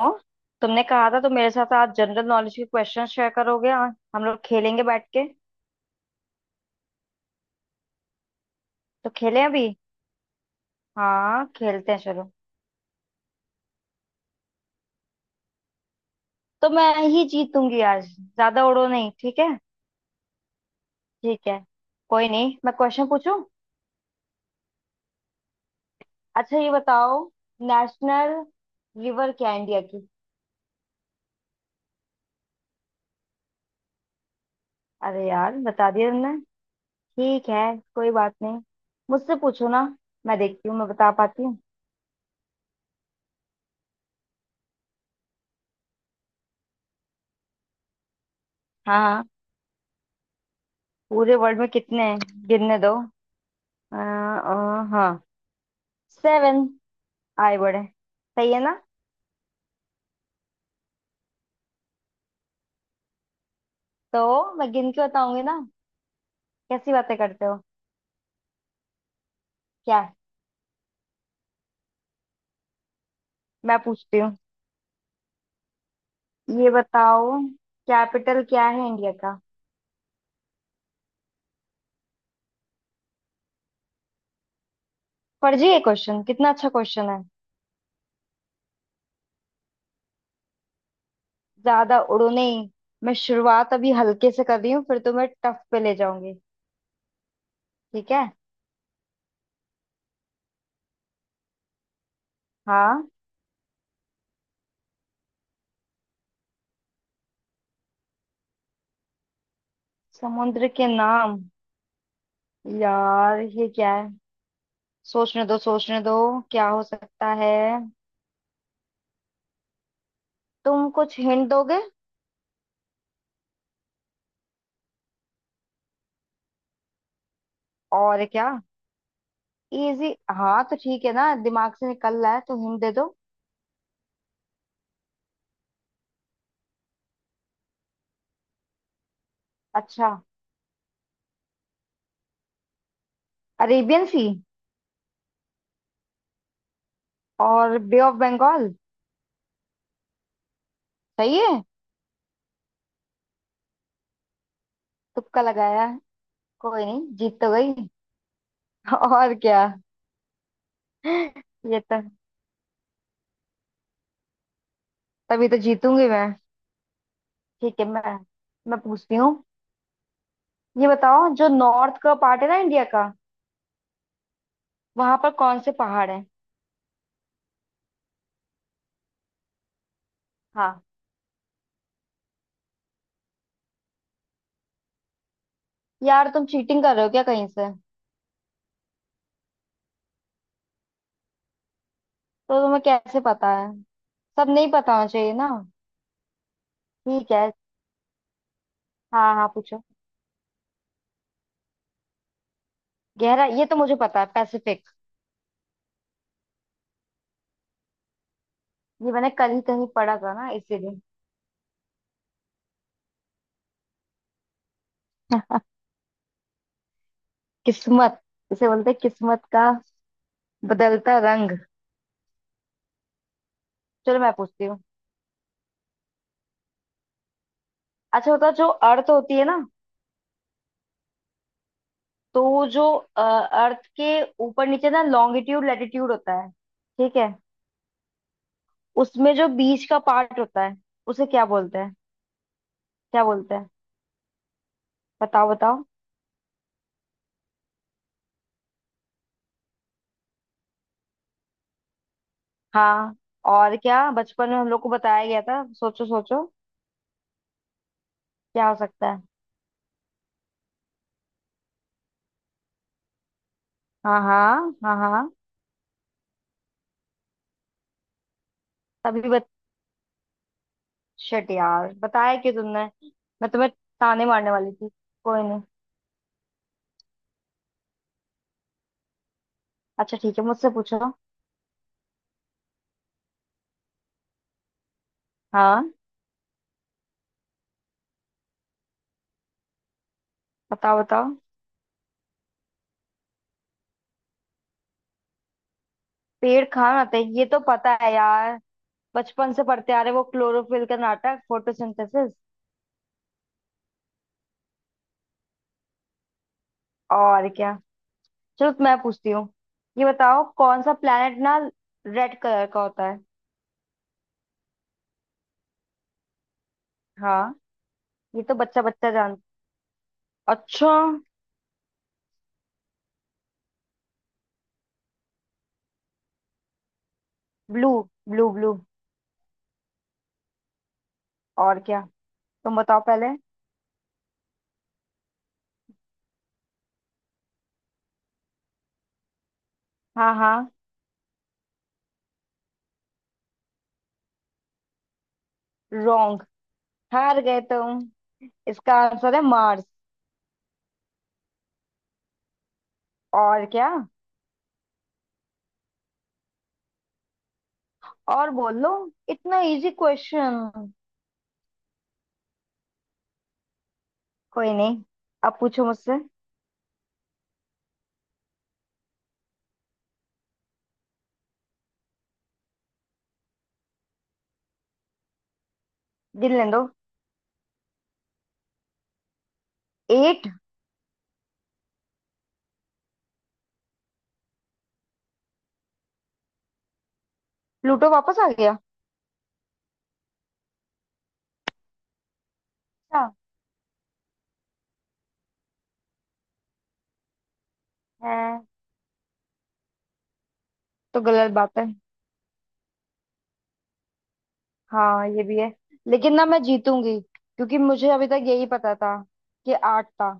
हाँ, तुमने कहा था तो मेरे साथ आज जनरल नॉलेज के क्वेश्चन शेयर करोगे। हाँ, हम लोग खेलेंगे बैठ के। तो खेलें अभी? हाँ, खेलते हैं चलो। तो मैं ही जीतूंगी आज, ज्यादा उड़ो नहीं ठीक है। ठीक है, कोई नहीं, मैं क्वेश्चन पूछूं। अच्छा ये बताओ, नेशनल रिवर क्या है इंडिया की? अरे यार, बता दिया तुमने। ठीक है, कोई बात नहीं, मुझसे पूछो ना, मैं देखती हूँ मैं बता पाती हूँ। हाँ हाँ, पूरे वर्ल्ड में कितने हैं, गिनने दो। आ, आ, हाँ, 7। आए बड़े, सही है ना? तो मैं गिन के बताऊंगी ना, कैसी बातें करते हो। क्या? मैं पूछती हूँ, ये बताओ, कैपिटल क्या है इंडिया का? फर्जी है क्वेश्चन? कितना अच्छा क्वेश्चन है। ज्यादा उड़ो नहीं, मैं शुरुआत अभी हल्के से कर रही हूँ, फिर तुम्हें टफ पे ले जाऊंगी। ठीक है। हाँ, समुद्र के नाम, यार ये क्या है, सोचने दो। क्या हो सकता है? तुम कुछ हिंट दोगे? और क्या, इजी हाँ तो ठीक है ना, दिमाग से निकल रहा है तो हिंट दे दो। अच्छा, अरेबियन सी। और बे ऑफ बंगाल। सही है, तुक्का लगाया, कोई नहीं जीत तो गई। और क्या, ये तो, तभी तो जीतूंगी मैं। ठीक है, मैं पूछती हूँ। ये बताओ, जो नॉर्थ का पार्ट है ना इंडिया का, वहां पर कौन से पहाड़ है? हाँ। यार तुम चीटिंग कर रहे हो क्या कहीं से? तो तुम्हें कैसे पता है, सब नहीं पता होना चाहिए ना। ठीक है, हाँ हाँ पूछो। गहरा, ये तो मुझे पता है, पैसिफिक। ये मैंने कल ही कहीं पढ़ा था ना, इसीलिए। किस्मत, इसे बोलते हैं किस्मत का बदलता रंग। चलो मैं पूछती हूँ। अच्छा, होता जो अर्थ होती है ना, तो वो जो अर्थ के ऊपर नीचे ना, लॉन्गिट्यूड लैटिट्यूड होता है ठीक है। उसमें जो बीच का पार्ट होता है, उसे क्या बोलते हैं? क्या बोलते हैं, बताओ बताओ। हाँ, और क्या, बचपन में हम लोग को बताया गया था। सोचो सोचो क्या हो सकता है। हाँ हाँ हाँ हाँ। तभी, शिट यार, बताया क्यों तुमने, मैं तुम्हें ताने मारने वाली थी। कोई नहीं। अच्छा ठीक है, मुझसे पूछो। हाँ, बताओ बताओ। पेड़ कहाँ आते हैं, ये तो पता है यार, बचपन से पढ़ते आ रहे वो क्लोरोफिल का नाटक, फोटोसिंथेसिस। और क्या। चलो तो मैं पूछती हूँ, ये बताओ, कौन सा प्लेनेट ना रेड कलर का होता है? हाँ, ये तो बच्चा बच्चा जान। अच्छा, ब्लू। ब्लू। और क्या। तुम बताओ पहले। हाँ हाँ। रॉन्ग, हार गए तुम, इसका आंसर है मार्स। और क्या, और बोल लो, इतना इजी क्वेश्चन। कोई नहीं, अब पूछो मुझसे। गिनने दो, 8। प्लूटो वापस आ गया? अच्छा। है तो गलत बात है। हाँ ये भी है, लेकिन ना मैं जीतूंगी, क्योंकि मुझे अभी तक यही पता था कि 8 था।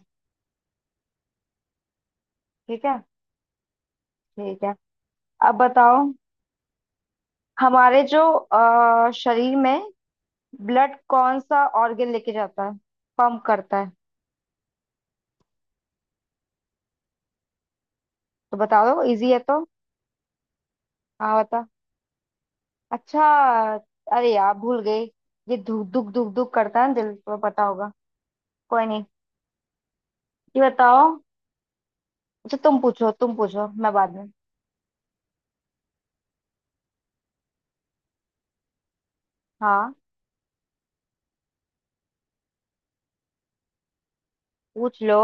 ठीक है। ठीक है। अब बताओ, हमारे जो शरीर में ब्लड कौन सा ऑर्गन लेके जाता है, पंप करता है? तो बता दो इजी है तो। हाँ बता। अच्छा, अरे यार भूल गए, ये धुक धुक धुक धुक करता है ना, दिल को पता होगा। कोई नहीं, ये बताओ। अच्छा तुम पूछो, तुम पूछो, मैं बाद में। हाँ, पूछ लो।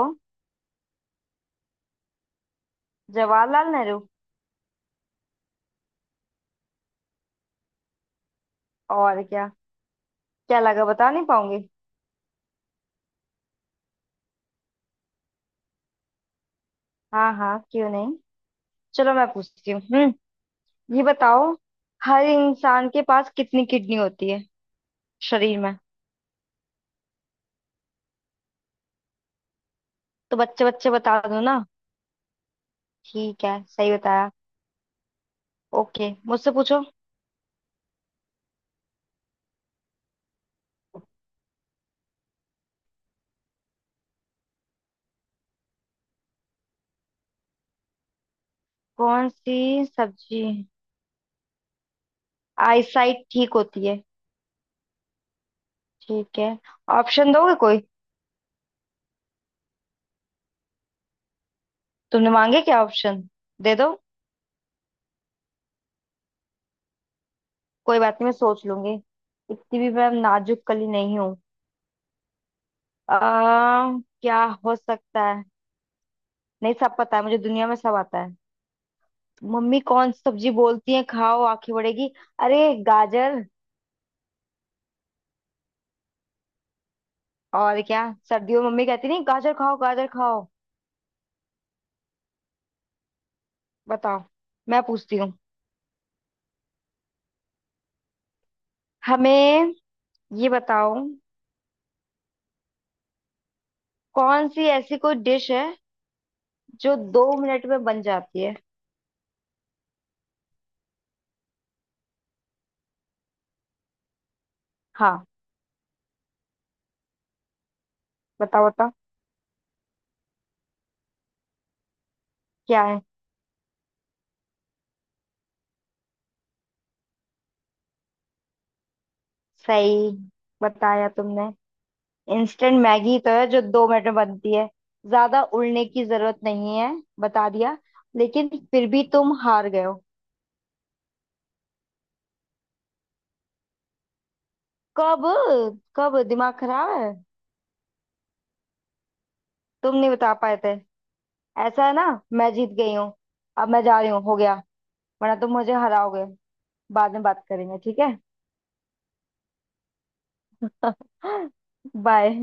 जवाहरलाल नेहरू। और क्या, क्या लगा बता नहीं पाऊंगी। हाँ हाँ, क्यों नहीं। चलो मैं पूछती हूँ। हम्म। ये बताओ, हर इंसान के पास कितनी किडनी होती है शरीर में? तो बच्चे बच्चे बता दो ना। ठीक है, सही बताया। ओके, मुझसे पूछो। कौन सी सब्जी आईसाइट ठीक होती है? ठीक है, ऑप्शन दोगे कोई? तुमने मांगे क्या ऑप्शन, दे दो। कोई बात नहीं मैं सोच लूंगी, इतनी भी मैं नाजुक कली नहीं हूँ। आ, क्या हो सकता है? नहीं सब पता है मुझे, दुनिया में सब आता है। मम्मी कौन सी सब्जी बोलती है खाओ आंखें बढ़ेगी। अरे, गाजर। और क्या, सर्दियों में मम्मी कहती नहीं गाजर खाओ गाजर खाओ। बताओ, मैं पूछती हूँ हमें, ये बताओ, कौन सी ऐसी कोई डिश है जो 2 मिनट में बन जाती है? हाँ, बताओ बताओ। क्या है? सही, बताया तुमने। इंस्टेंट मैगी तो है जो 2 मिनट में बनती है। ज्यादा उड़ने की जरूरत नहीं है, बता दिया, लेकिन फिर भी तुम हार गए हो। कब, कब? दिमाग खराब है। तुम नहीं बता पाए थे, ऐसा है ना। मैं जीत गई हूँ, अब मैं जा रही हूँ, हो गया, वरना तुम मुझे हराओगे। बाद में बात करेंगे ठीक है। बाय।